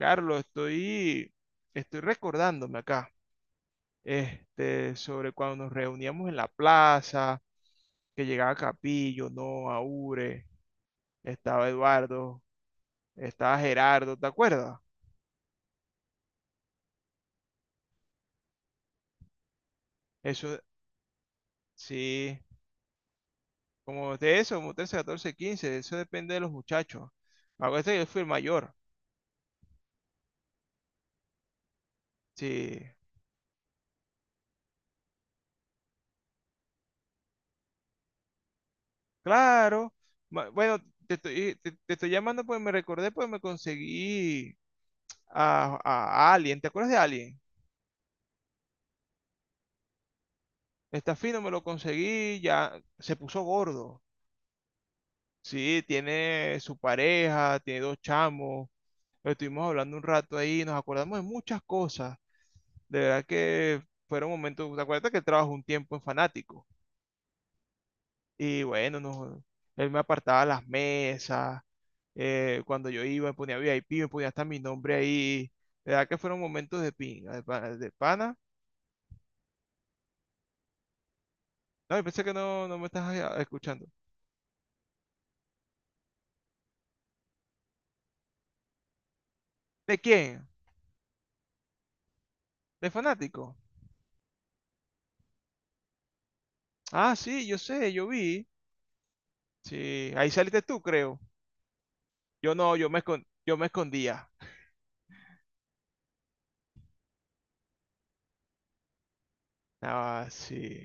Carlos, estoy recordándome acá, sobre cuando nos reuníamos en la plaza, que llegaba Capillo, no, Aure, estaba Eduardo, estaba Gerardo, ¿te acuerdas? Eso, sí, como de eso, como 13, 14, 15, eso depende de los muchachos. Acuérdate que yo fui el mayor, sí, claro. Bueno, te estoy llamando porque me recordé, pues me conseguí a Alien, ¿te acuerdas de Alien? Está fino, me lo conseguí, ya se puso gordo. Sí, tiene su pareja, tiene dos chamos. Lo estuvimos hablando un rato ahí, nos acordamos de muchas cosas. De verdad que fueron momentos, ¿te acuerdas que él trabajó un tiempo en Fanático? Y bueno, él me apartaba las mesas, cuando yo iba me ponía VIP, me ponía hasta mi nombre ahí. De verdad que fueron momentos de pinga, de pana. De pana. No, yo pensé que no, no me estás escuchando. ¿De quién? ¿De Fanático? Ah, sí, yo sé, yo vi. Sí, ahí saliste tú, creo. Yo no, yo me escondía. Ah, sí.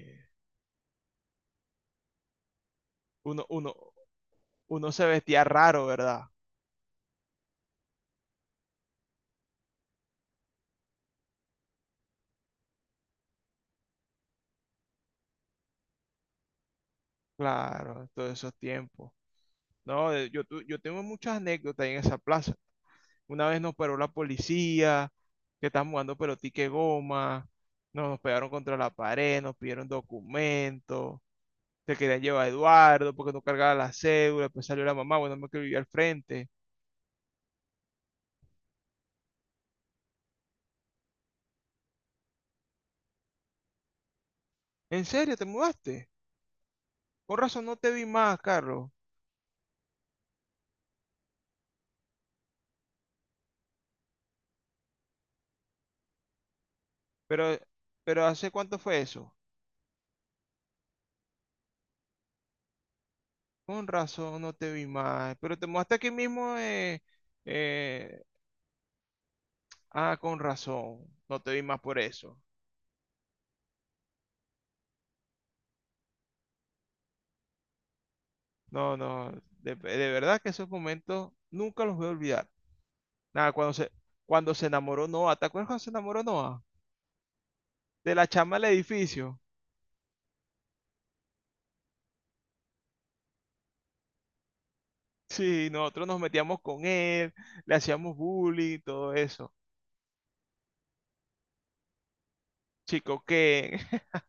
Uno, uno, uno se vestía raro, ¿verdad? Claro, todos esos tiempos. No, yo tengo muchas anécdotas en esa plaza. Una vez nos paró la policía, que estábamos jugando pelotique goma, no, nos pegaron contra la pared, nos pidieron documentos, se querían llevar a Eduardo porque no cargaba la cédula, después salió la mamá, bueno, me que vivía al frente. ¿En serio te mudaste? Con razón no te vi más, Carlos. Pero, pero ¿hace cuánto fue eso? Con razón, no te vi más. Pero te mudaste aquí mismo. Eh, ah, con razón, no te vi más por eso. No, no, de verdad que esos momentos nunca los voy a olvidar. Nada, cuando se enamoró Noah, ¿te acuerdas cuando se enamoró Noah? De la chama del edificio. Sí, nosotros nos metíamos con él, le hacíamos bullying, todo eso. Chico, ¿qué?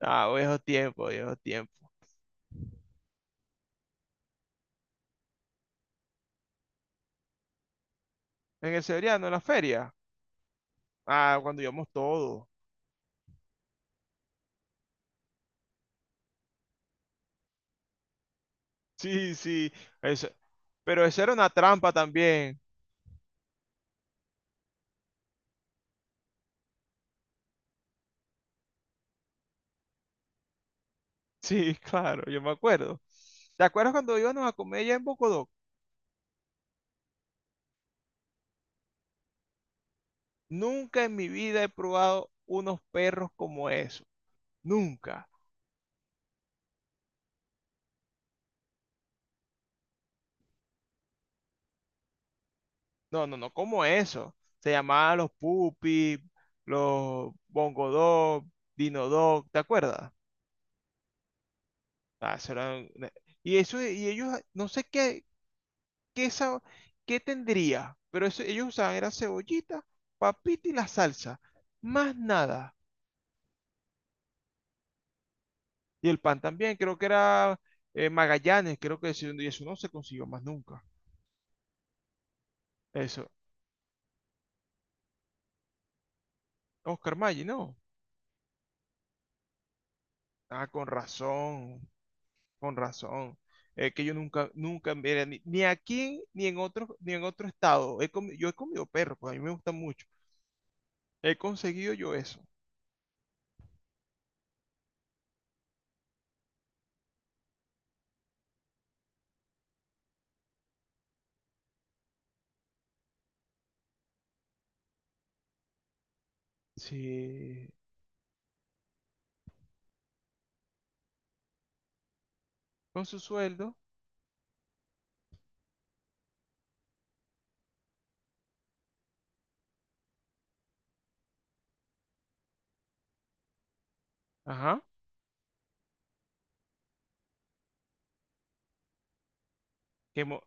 Ah, viejos tiempos, viejos tiempos. En el Severiano, en la feria. Ah, cuando íbamos todos. Sí, sí. eso- Pero eso era una trampa también. Sí, claro, yo me acuerdo. ¿Te acuerdas cuando íbamos a comer allá en Bocodó? Nunca en mi vida he probado unos perros como eso. Nunca. No, no, no, como eso. Se llamaban los Pupi, los Bongodog, Dinodog, ¿te acuerdas? Ah, eso era un- una- y eso, y ellos, no sé qué, ¿Qué, sa- ¿qué tendría? Pero eso, ellos usaban era cebollita, papita y la salsa. Más nada. Y el pan también, creo que era Magallanes, creo que eso, y eso no se consiguió más nunca. Eso. Oscar Maggi, no. Ah, con razón, con razón. Es que yo nunca, nunca, mira, ni, ni aquí ni en otro, ni en otro estado. Yo he comido perro, pues a mí me gusta mucho. He conseguido yo eso. Sí. Con su sueldo. Ajá. Que mo-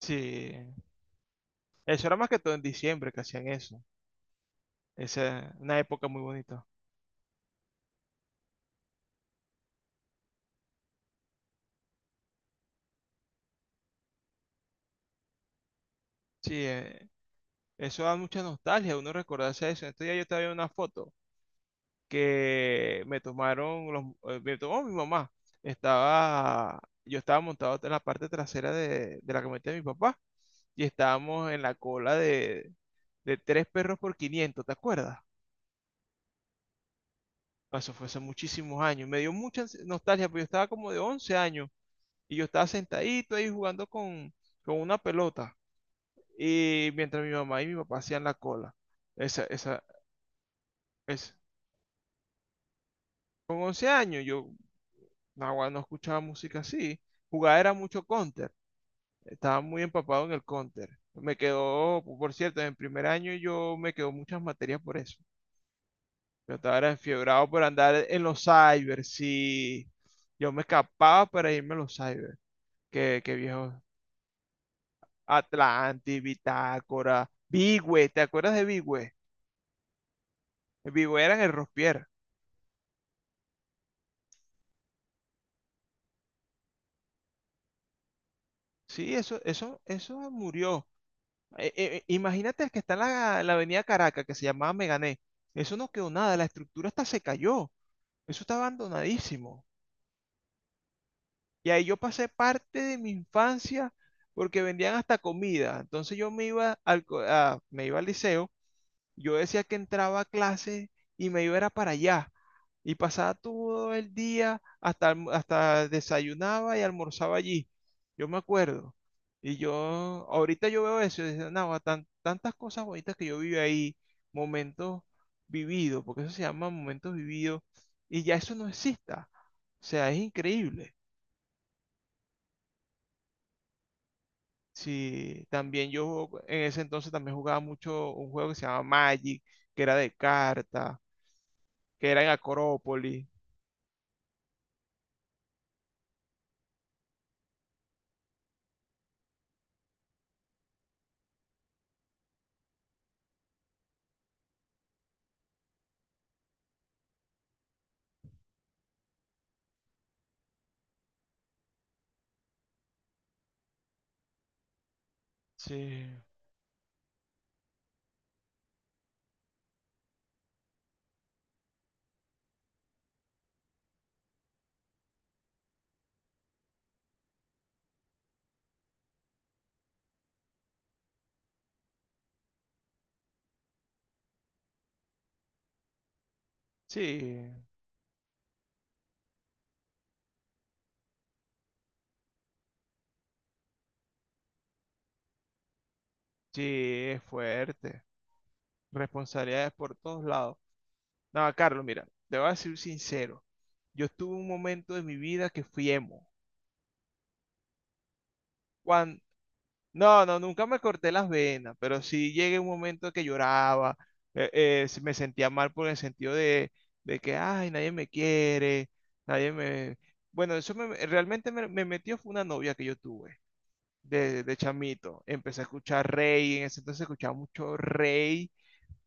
sí. Eso era más que todo en diciembre que hacían eso. Esa es una época muy bonita. Sí, eso da mucha nostalgia, uno recordarse eso. En estos días yo estaba viendo una foto que me tomaron los, me tomó mi mamá. Estaba, yo estaba montado en la parte trasera de la camioneta de mi papá y estábamos en la cola de tres perros por 500. ¿Te acuerdas? Eso fue hace muchísimos años. Me dio nostalgia, porque yo estaba como de 11 años y yo estaba sentadito ahí jugando con una pelota. Y mientras mi mamá y mi papá hacían la cola. Esa, esa, esa. Con 11 años yo no, no escuchaba música así. Jugaba era mucho counter. Estaba muy empapado en el counter. Me quedó, por cierto, en primer año yo me quedó muchas materias por eso. Yo estaba era enfiebrado por andar en los cyber. Sí, yo me escapaba para irme a los cyber. Qué, ¿qué viejo? Atlantis, Bitácora, Bigwe. ¿Te acuerdas de Bigwe? Bigwe era en el Rospier. Sí, eso murió. Imagínate el que está en la avenida Caracas, que se llamaba Megané. Eso no quedó nada, la estructura hasta se cayó. Eso está abandonadísimo. Y ahí yo pasé parte de mi infancia porque vendían hasta comida. Entonces yo me iba al, co- a- me iba al liceo. Yo decía que entraba a clase y me iba era para allá. Y pasaba todo el día hasta desayunaba y almorzaba allí. Yo me acuerdo. Y yo, ahorita yo veo eso y digo, "Nahua, tantas cosas bonitas que yo viví ahí, momentos vividos, porque eso se llama momentos vividos, y ya eso no exista. O sea, es increíble." Sí, también yo en ese entonces también jugaba mucho un juego que se llamaba Magic, que era de carta, que era en Acrópolis. Sí, sí, sí, es fuerte. Responsabilidades por todos lados. No, Carlos, mira, te voy a decir sincero. Yo estuve un momento de mi vida que fui emo. Cuan- no, no, nunca me corté las venas, pero sí llegué a un momento que lloraba, eh, me sentía mal por el sentido de que, ay, nadie me quiere, nadie me... Bueno, realmente me metió fue una novia que yo tuve de chamito. Empecé a escuchar Rey, en ese entonces escuchaba mucho Rey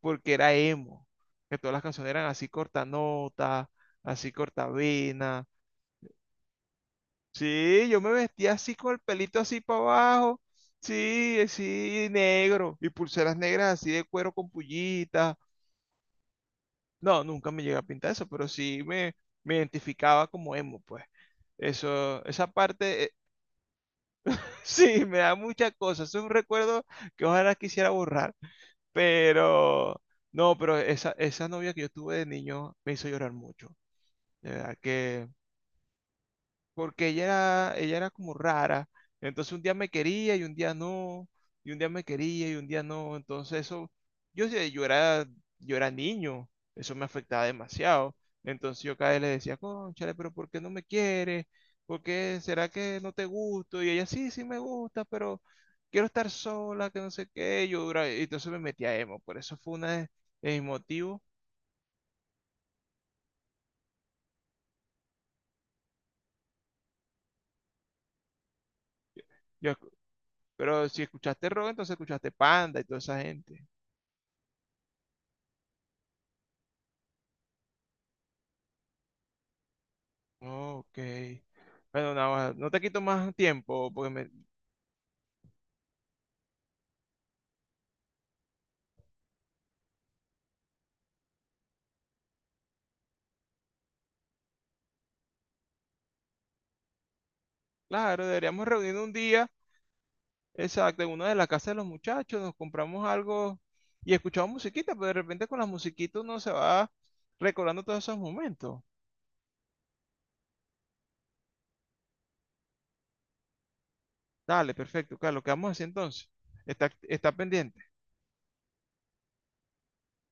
porque era emo, que todas las canciones eran así cortanotas, así cortavenas. Sí, yo me vestía así con el pelito así para abajo. Sí, sí, negro. Y pulseras negras así de cuero con pullitas. No, nunca me llegué a pintar eso, pero sí me identificaba como emo, pues. Eso, esa parte, sí, me da muchas cosas. Es un recuerdo que ojalá quisiera borrar. Pero, no, pero esa novia que yo tuve de niño me hizo llorar mucho, de verdad que, porque ella era como rara, entonces un día me quería y un día no, y un día me quería y un día no, entonces eso, yo, sé, yo era, yo era niño, eso me afectaba demasiado, entonces yo cada vez le decía, cónchale, pero ¿por qué no me quieres? ¿Por qué será que no te gusto? Y ella, sí, sí me gusta, pero quiero estar sola, que no sé qué, yo dura, y entonces me metí a emo, por eso fue una de mis motivos, yo, pero si escuchaste rock, entonces escuchaste Panda y toda esa gente. Ok. Bueno, nada, no te quito más tiempo, porque me... Claro, deberíamos reunirnos un día, exacto, en una de las casas de los muchachos, nos compramos algo y escuchamos musiquita, pero de repente con las musiquitas uno se va recordando todos esos momentos. Dale, perfecto, Carlos, quedamos así entonces. Está, está pendiente.